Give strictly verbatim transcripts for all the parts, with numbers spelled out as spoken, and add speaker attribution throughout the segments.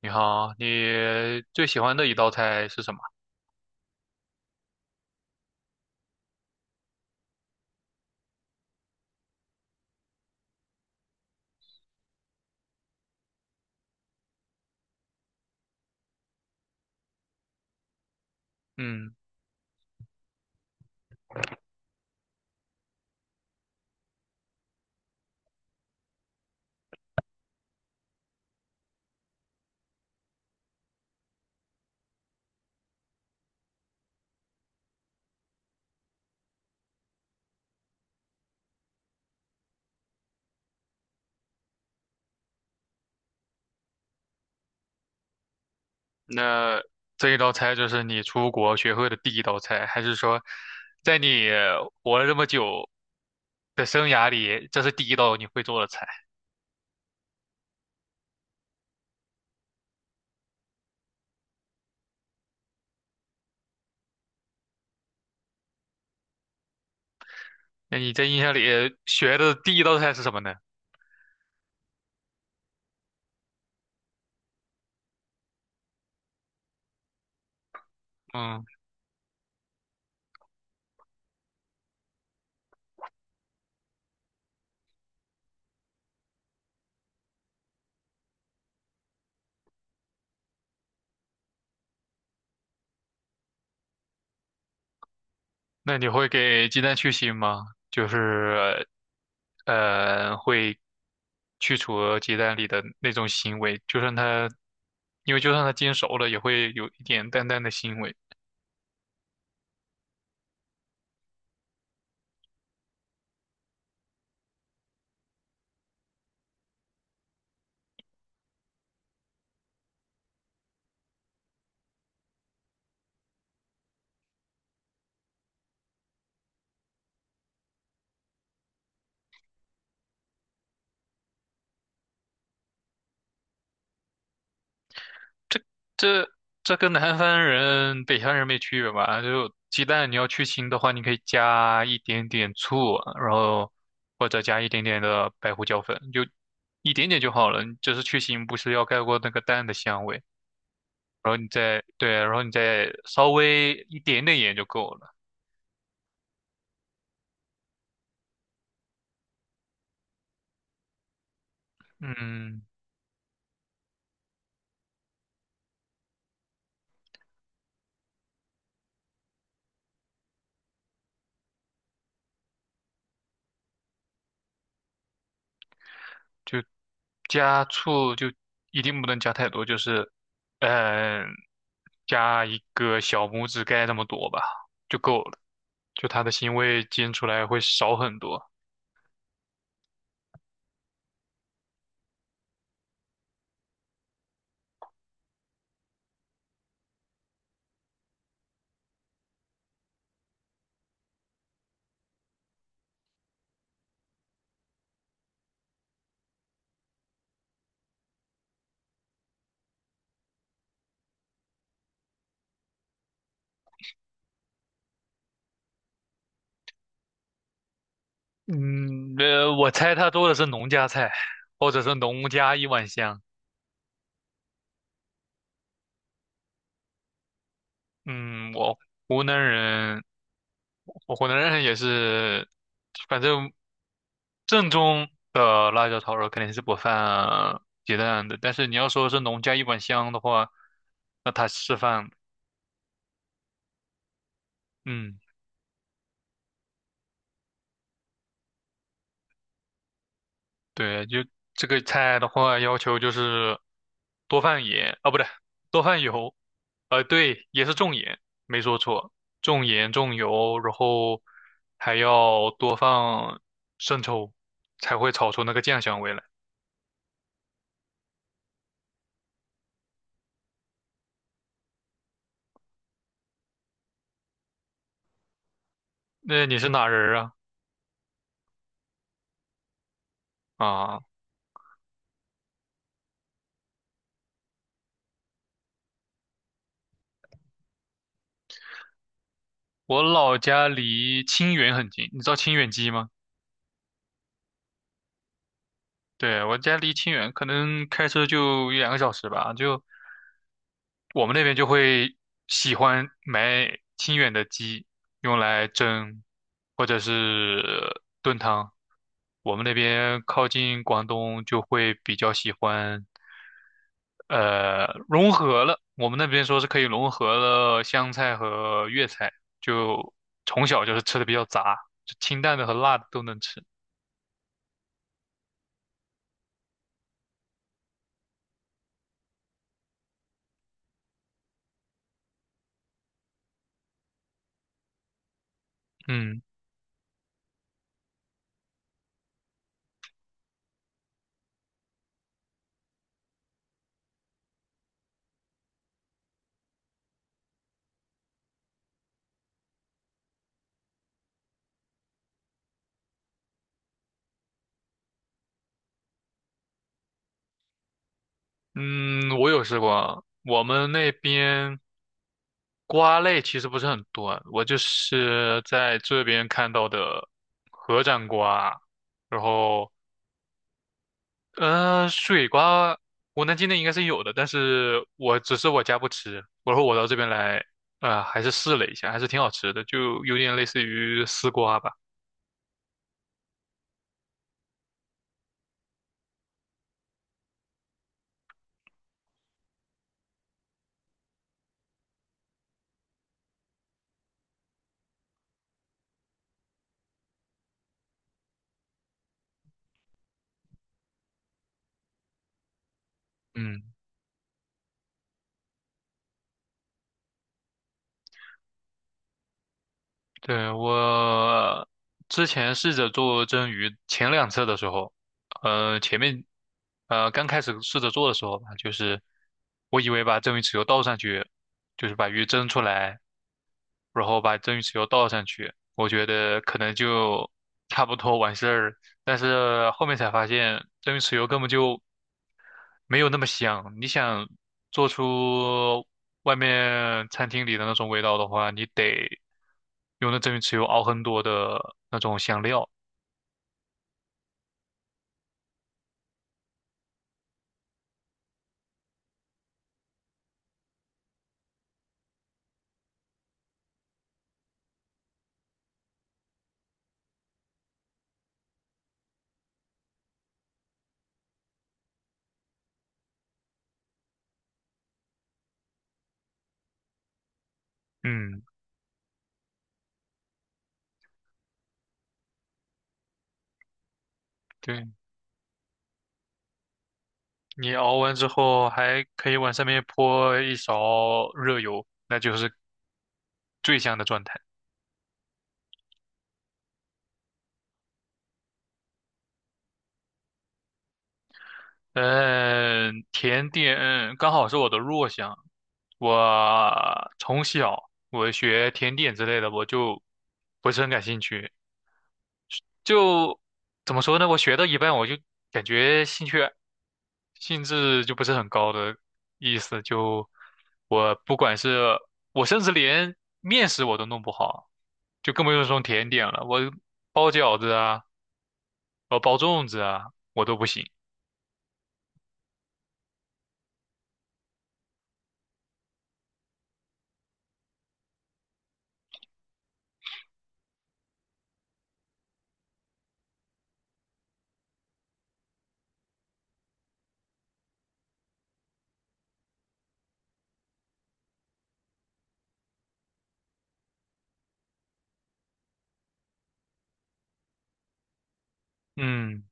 Speaker 1: 你好，你最喜欢的一道菜是什么？嗯，那这一道菜就是你出国学会的第一道菜，还是说，在你活了这么久的生涯里，这是第一道你会做的菜？那你在印象里学的第一道菜是什么呢？嗯，那你会给鸡蛋去腥吗？就是，呃，会去除鸡蛋里的那种腥味，就算它，因为就算它煎熟了，也会有一点淡淡的腥味。这这这跟南方人、北方人没区别吧？就鸡蛋你要去腥的话，你可以加一点点醋，然后或者加一点点的白胡椒粉，就一点点就好了。就是去腥，不是要盖过那个蛋的香味，然后你再对，然后你再稍微一点点盐就够了。嗯。就加醋就一定不能加太多，就是，嗯、加一个小拇指盖那么多吧，就够了。就它的腥味煎出来会少很多。嗯，呃，我猜它做的是农家菜，或者是农家一碗香。嗯，我湖南人，我湖南人也是，反正正宗的辣椒炒肉肯定是不放鸡蛋的，但是你要说是农家一碗香的话，那它是放的，嗯，对，就这个菜的话，要求就是多放盐，啊，不对，多放油，呃，对，也是重盐，没说错，重盐重油，然后还要多放生抽，才会炒出那个酱香味来。那你是哪人儿啊？啊，我老家离清远很近，你知道清远鸡吗？对，我家离清远，可能开车就一两个小时吧。就我们那边就会喜欢买清远的鸡，用来蒸或者是炖汤。我们那边靠近广东，就会比较喜欢，呃，融合了。我们那边说是可以融合了湘菜和粤菜，就从小就是吃的比较杂，就清淡的和辣的都能吃。嗯嗯，我有试过，我们那边。瓜类其实不是很多，我就是在这边看到的合掌瓜，然后呃水瓜，我能境内应该是有的，但是我只是我家不吃，然后我到这边来，呃还是试了一下，还是挺好吃的，就有点类似于丝瓜吧，嗯。对，我之前试着做蒸鱼，前两次的时候，呃，前面呃刚开始试着做的时候吧，就是我以为把蒸鱼豉油倒上去，就是把鱼蒸出来，然后把蒸鱼豉油倒上去，我觉得可能就差不多完事儿了。但是后面才发现，蒸鱼豉油根本就没有那么香。你想做出外面餐厅里的那种味道的话，你得用那蒸鱼豉油熬很多的那种香料。嗯，对，你熬完之后还可以往上面泼一勺热油，那就是最香的状态。嗯，甜点刚好是我的弱项。我从小我学甜点之类的，我就不是很感兴趣。就怎么说呢？我学到一半，我就感觉兴趣兴致就不是很高的意思。就我不管是我，甚至连面食我都弄不好，就更不用说甜点了。我包饺子啊，我包粽子啊，我都不行。嗯，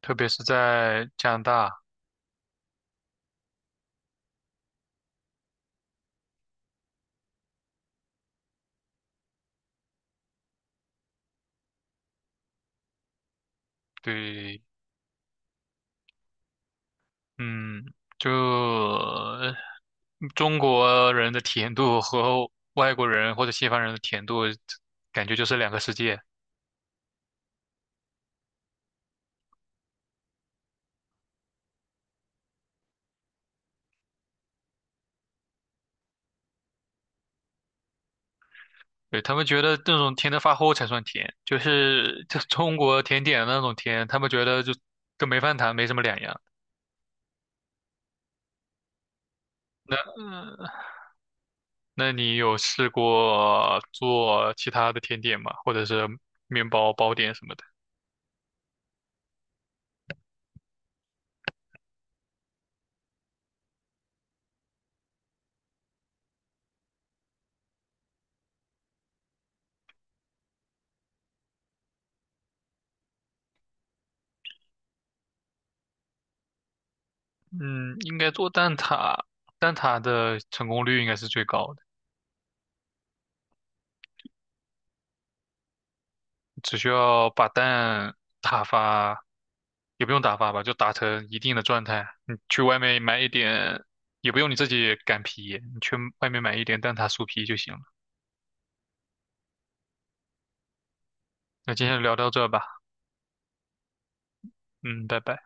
Speaker 1: 特别是在加拿大，对，嗯，就中国人的甜度和外国人或者西方人的甜度，感觉就是两个世界。对，他们觉得那种甜的发齁才算甜，就是就中国甜点的那种甜，他们觉得就跟没饭谈没什么两样。那那你有试过做其他的甜点吗？或者是面包包点什么的？嗯，应该做蛋挞，蛋挞的成功率应该是最高的，只需要把蛋打发，也不用打发吧，就打成一定的状态。你去外面买一点，也不用你自己擀皮，你去外面买一点蛋挞酥皮就行了。那今天就聊到这吧，嗯，拜拜。